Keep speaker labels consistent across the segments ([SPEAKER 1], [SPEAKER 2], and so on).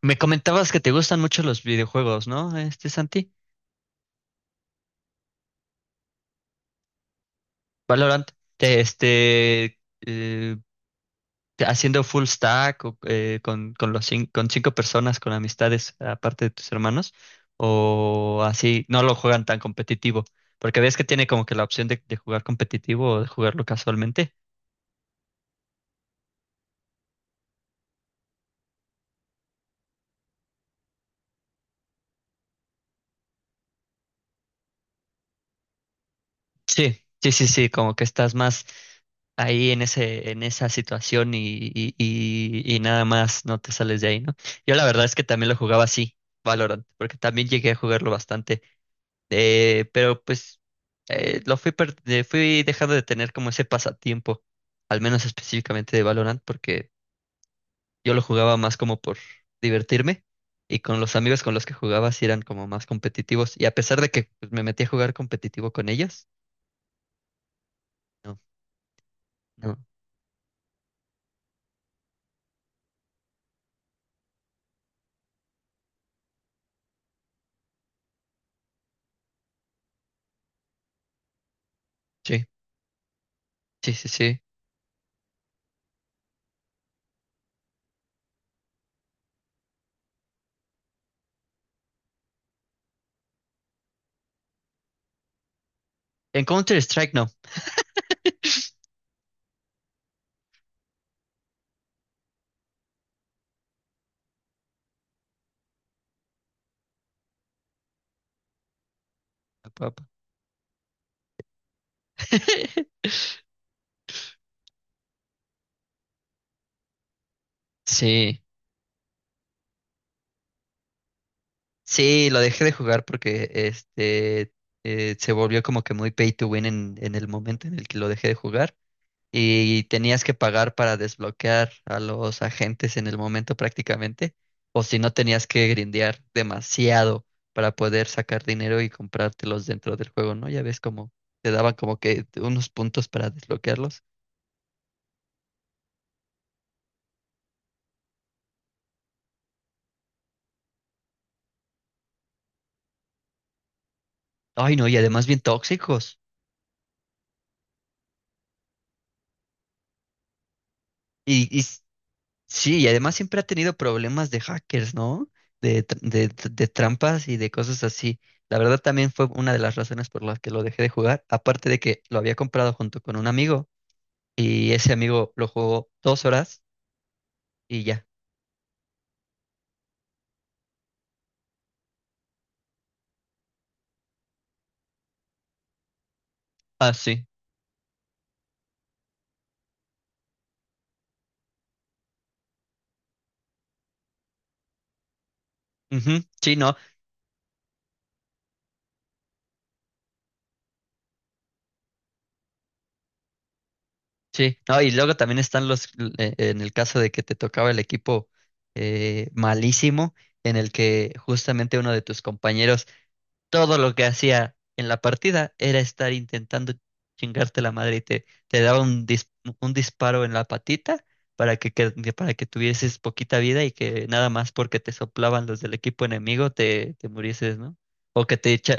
[SPEAKER 1] Me comentabas que te gustan mucho los videojuegos, ¿no? Santi, Valorant. Te- este, eh, Haciendo full stack o, con con cinco personas, con amistades, aparte de tus hermanos, o así. No lo juegan tan competitivo, porque ves que tiene como que la opción de jugar competitivo o de jugarlo casualmente. Sí, sí, sí, sí, como que estás más ahí en ese, en esa situación, y nada más no te sales de ahí, ¿no? Yo la verdad es que también lo jugaba así, Valorant, porque también llegué a jugarlo bastante, pero pues fui dejando de tener como ese pasatiempo, al menos específicamente de Valorant, porque yo lo jugaba más como por divertirme. Y con los amigos con los que jugaba sí eran como más competitivos. Y a pesar de que, pues, me metí a jugar competitivo con ellos, no, no, sí, sí, sí, sí. En Counter-Strike no. Sí, sí, lo dejé de jugar porque se volvió como que muy pay to win en el momento en el que lo dejé de jugar, y tenías que pagar para desbloquear a los agentes en el momento prácticamente, o si no tenías que grindear demasiado para poder sacar dinero y comprártelos dentro del juego, ¿no? Ya ves como te daban como que unos puntos para desbloquearlos. Ay, no, y además bien tóxicos. Y, y Sí, y además siempre ha tenido problemas de hackers, ¿no? De trampas y de cosas así. La verdad también fue una de las razones por las que lo dejé de jugar, aparte de que lo había comprado junto con un amigo, y ese amigo lo jugó 2 horas y ya. Ah, sí. Ujú, sí, no, sí. No, y luego también están en el caso de que te tocaba el equipo malísimo, en el que justamente uno de tus compañeros todo lo que hacía en la partida era estar intentando chingarte la madre, y te daba un disparo en la patita para para que tuvieses poquita vida, y que nada más porque te soplaban los del equipo enemigo te murieses, ¿no? O que te echa...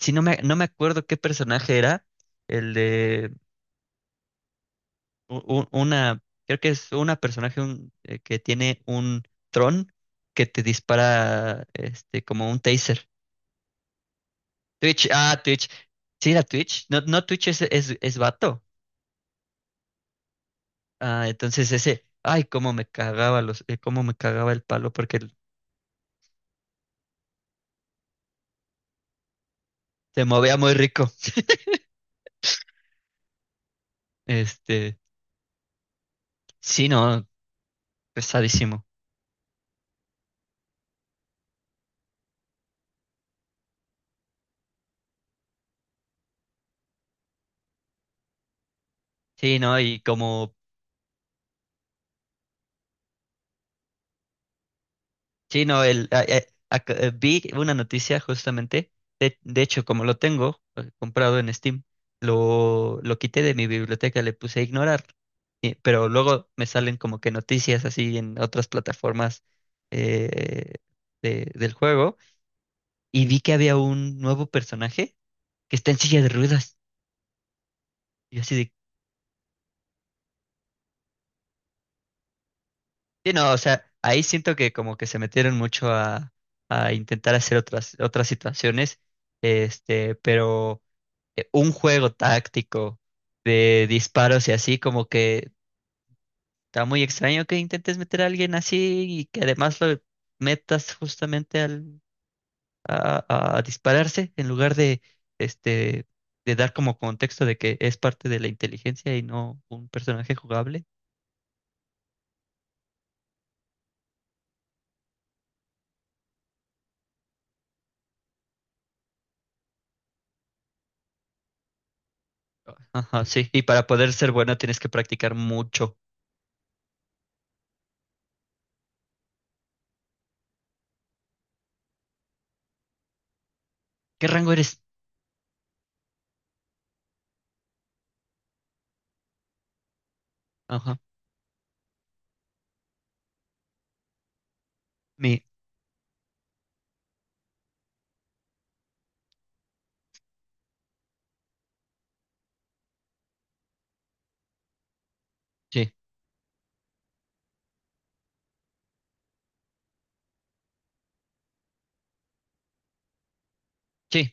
[SPEAKER 1] Si no no me acuerdo qué personaje era, el de u- una... Creo que es una personaje que tiene un tron que te dispara, como un taser. Twitch, ah, Twitch. Sí, era Twitch. No, no, Twitch es vato. Ah, entonces ese, ay, cómo me cagaba cómo me cagaba el palo, porque se movía muy rico. Este, sí, no, pesadísimo. Sí, no, y como, sí, no, vi una noticia justamente, de hecho, como lo tengo, comprado en Steam, lo quité de mi biblioteca, le puse a ignorar, pero luego me salen como que noticias así en otras plataformas, eh, del juego, y vi que había un nuevo personaje que está en silla de ruedas. Y yo así de, sí, no, o sea, ahí siento que como que se metieron mucho a intentar hacer otras, otras situaciones, pero un juego táctico de disparos, y así como que está muy extraño que intentes meter a alguien así, y que además lo metas justamente al a dispararse en lugar de, este, de dar como contexto de que es parte de la inteligencia y no un personaje jugable. Ajá, sí. Y para poder ser bueno tienes que practicar mucho. ¿Qué rango eres? Ajá. Mi. Sí, sí,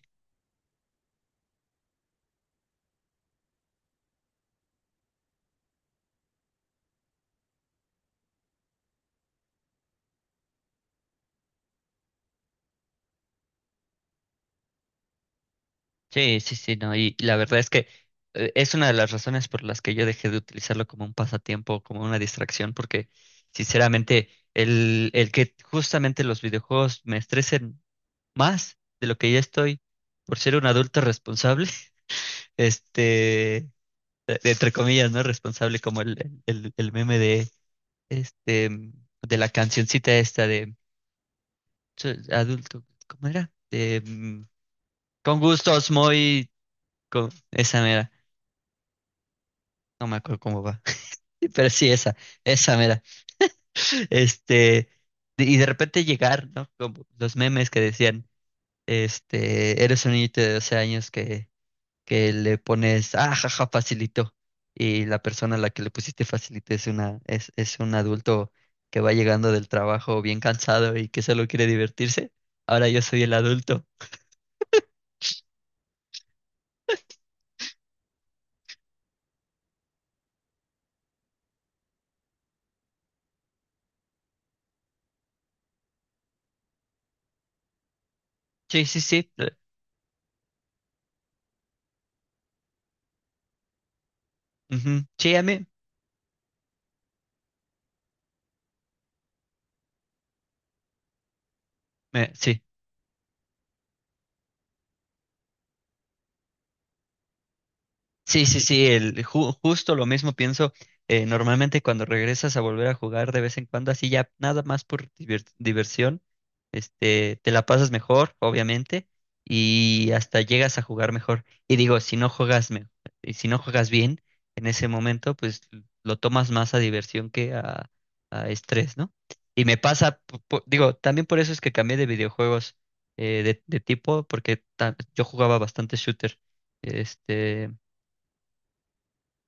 [SPEAKER 1] sí, sí, sí, no. Y la verdad es que, es una de las razones por las que yo dejé de utilizarlo como un pasatiempo, como una distracción, porque sinceramente el que justamente los videojuegos me estresen más de lo que ya estoy por ser un adulto responsable, este, entre comillas, ¿no? Responsable como el meme de, este, de la cancioncita esta de: "Soy adulto, ¿cómo era? De, con gustos muy, con, esa mera, no me acuerdo cómo va". Pero sí, esa mera, este, y de repente llegar, ¿no? Como los memes que decían, eres un niñito de 12 años que le pones, "ah, jaja, facilito", y la persona a la que le pusiste facilito es es un adulto que va llegando del trabajo bien cansado y que solo quiere divertirse. Ahora yo soy el adulto. Sí, sí, sí. Ujú, sí, a mí. Sí. Sí, sí, sí, justo lo mismo pienso. Normalmente cuando regresas a volver a jugar de vez en cuando, así, ya nada más por diversión, te la pasas mejor, obviamente, y hasta llegas a jugar mejor. Y digo, y si no juegas bien en ese momento, pues lo tomas más a diversión que a estrés, ¿no? Y me pasa, digo, también por eso es que cambié de videojuegos, de tipo, porque yo jugaba bastante shooter. Este,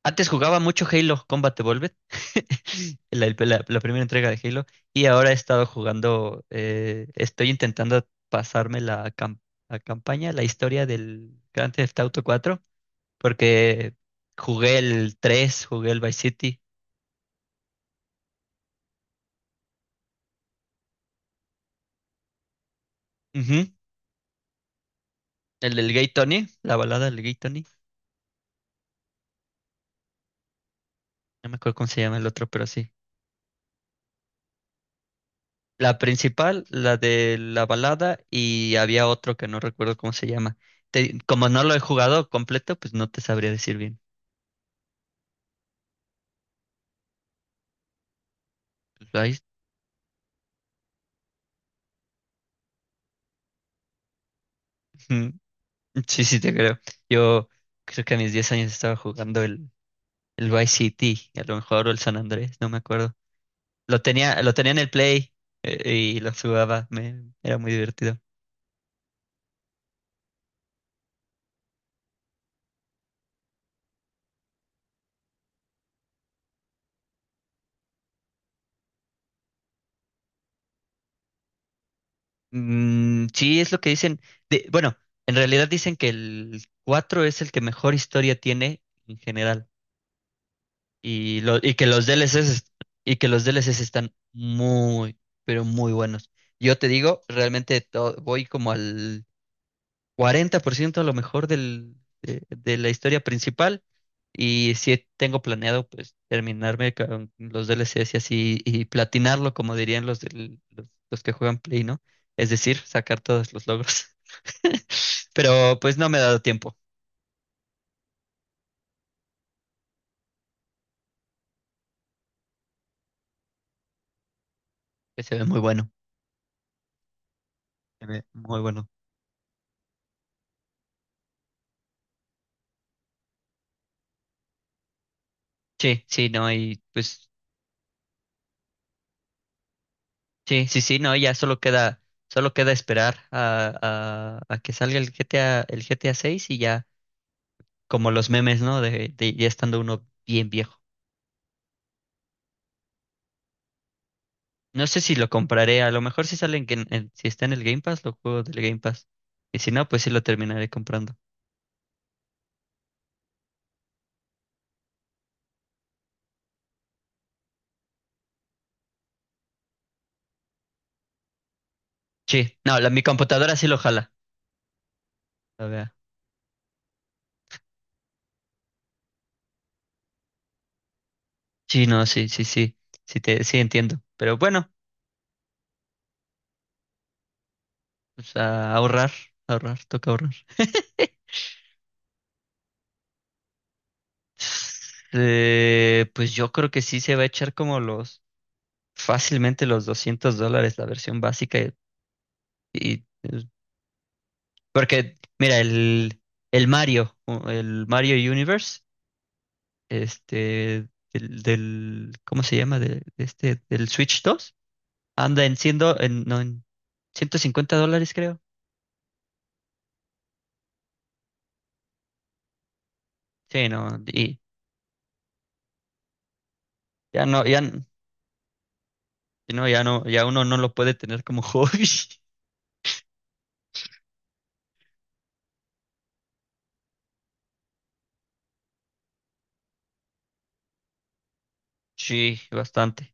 [SPEAKER 1] antes jugaba mucho Halo Combat Evolved, la, la primera entrega de Halo, y ahora he estado jugando. Estoy intentando pasarme la, la campaña, la historia del Grand Theft Auto 4, porque jugué el 3, jugué el Vice City, ujú, el del Gay Tony, la balada del Gay Tony. No me acuerdo cómo se llama el otro, pero sí. La principal, la de la balada, y había otro que no recuerdo cómo se llama. Como no lo he jugado completo, pues no te sabría decir. Ay, mm, sí, sí, te creo. Yo creo que a mis 10 años estaba jugando el Vice City, a lo mejor, o el San Andrés, no me acuerdo. Lo tenía en el Play, y lo jugaba, era muy divertido. Mm, sí, es lo que dicen. Bueno, en realidad dicen que el 4 es el que mejor historia tiene en general. Y que los DLCs, y que los DLCs están muy, pero muy buenos. Yo te digo, realmente voy como al 40% a lo mejor de la historia principal. Y si tengo planeado, pues, terminarme con los DLCs y así, y platinarlo, como dirían los que juegan Play, ¿no? Es decir, sacar todos los logros. Pero pues no me ha dado tiempo. Que se ve muy bueno. Se ve muy bueno. Sí, sí, no. Y pues, sí, sí, sí, no, ya solo queda esperar a que salga el GTA 6, y ya como los memes, ¿no? De ya estando uno bien viejo. No sé si lo compraré. A lo mejor si salen, si está en el Game Pass, lo juego del Game Pass. Y si no, pues sí lo terminaré comprando. Sí, no, mi computadora sí lo jala. A ver. Sí, no, sí, sí, sí, sí, sí entiendo. Pero bueno, pues a ahorrar, ahorrar, toca ahorrar. Pues yo creo que sí se va a echar como fácilmente los $200 la versión básica. Y Porque, mira, el Mario, o el Mario Universe, ¿cómo se llama? Del Switch dos, anda en $150, creo. Sí, no, y ya no, no, ya no, ya uno no lo puede tener como hobby. Sí, bastante.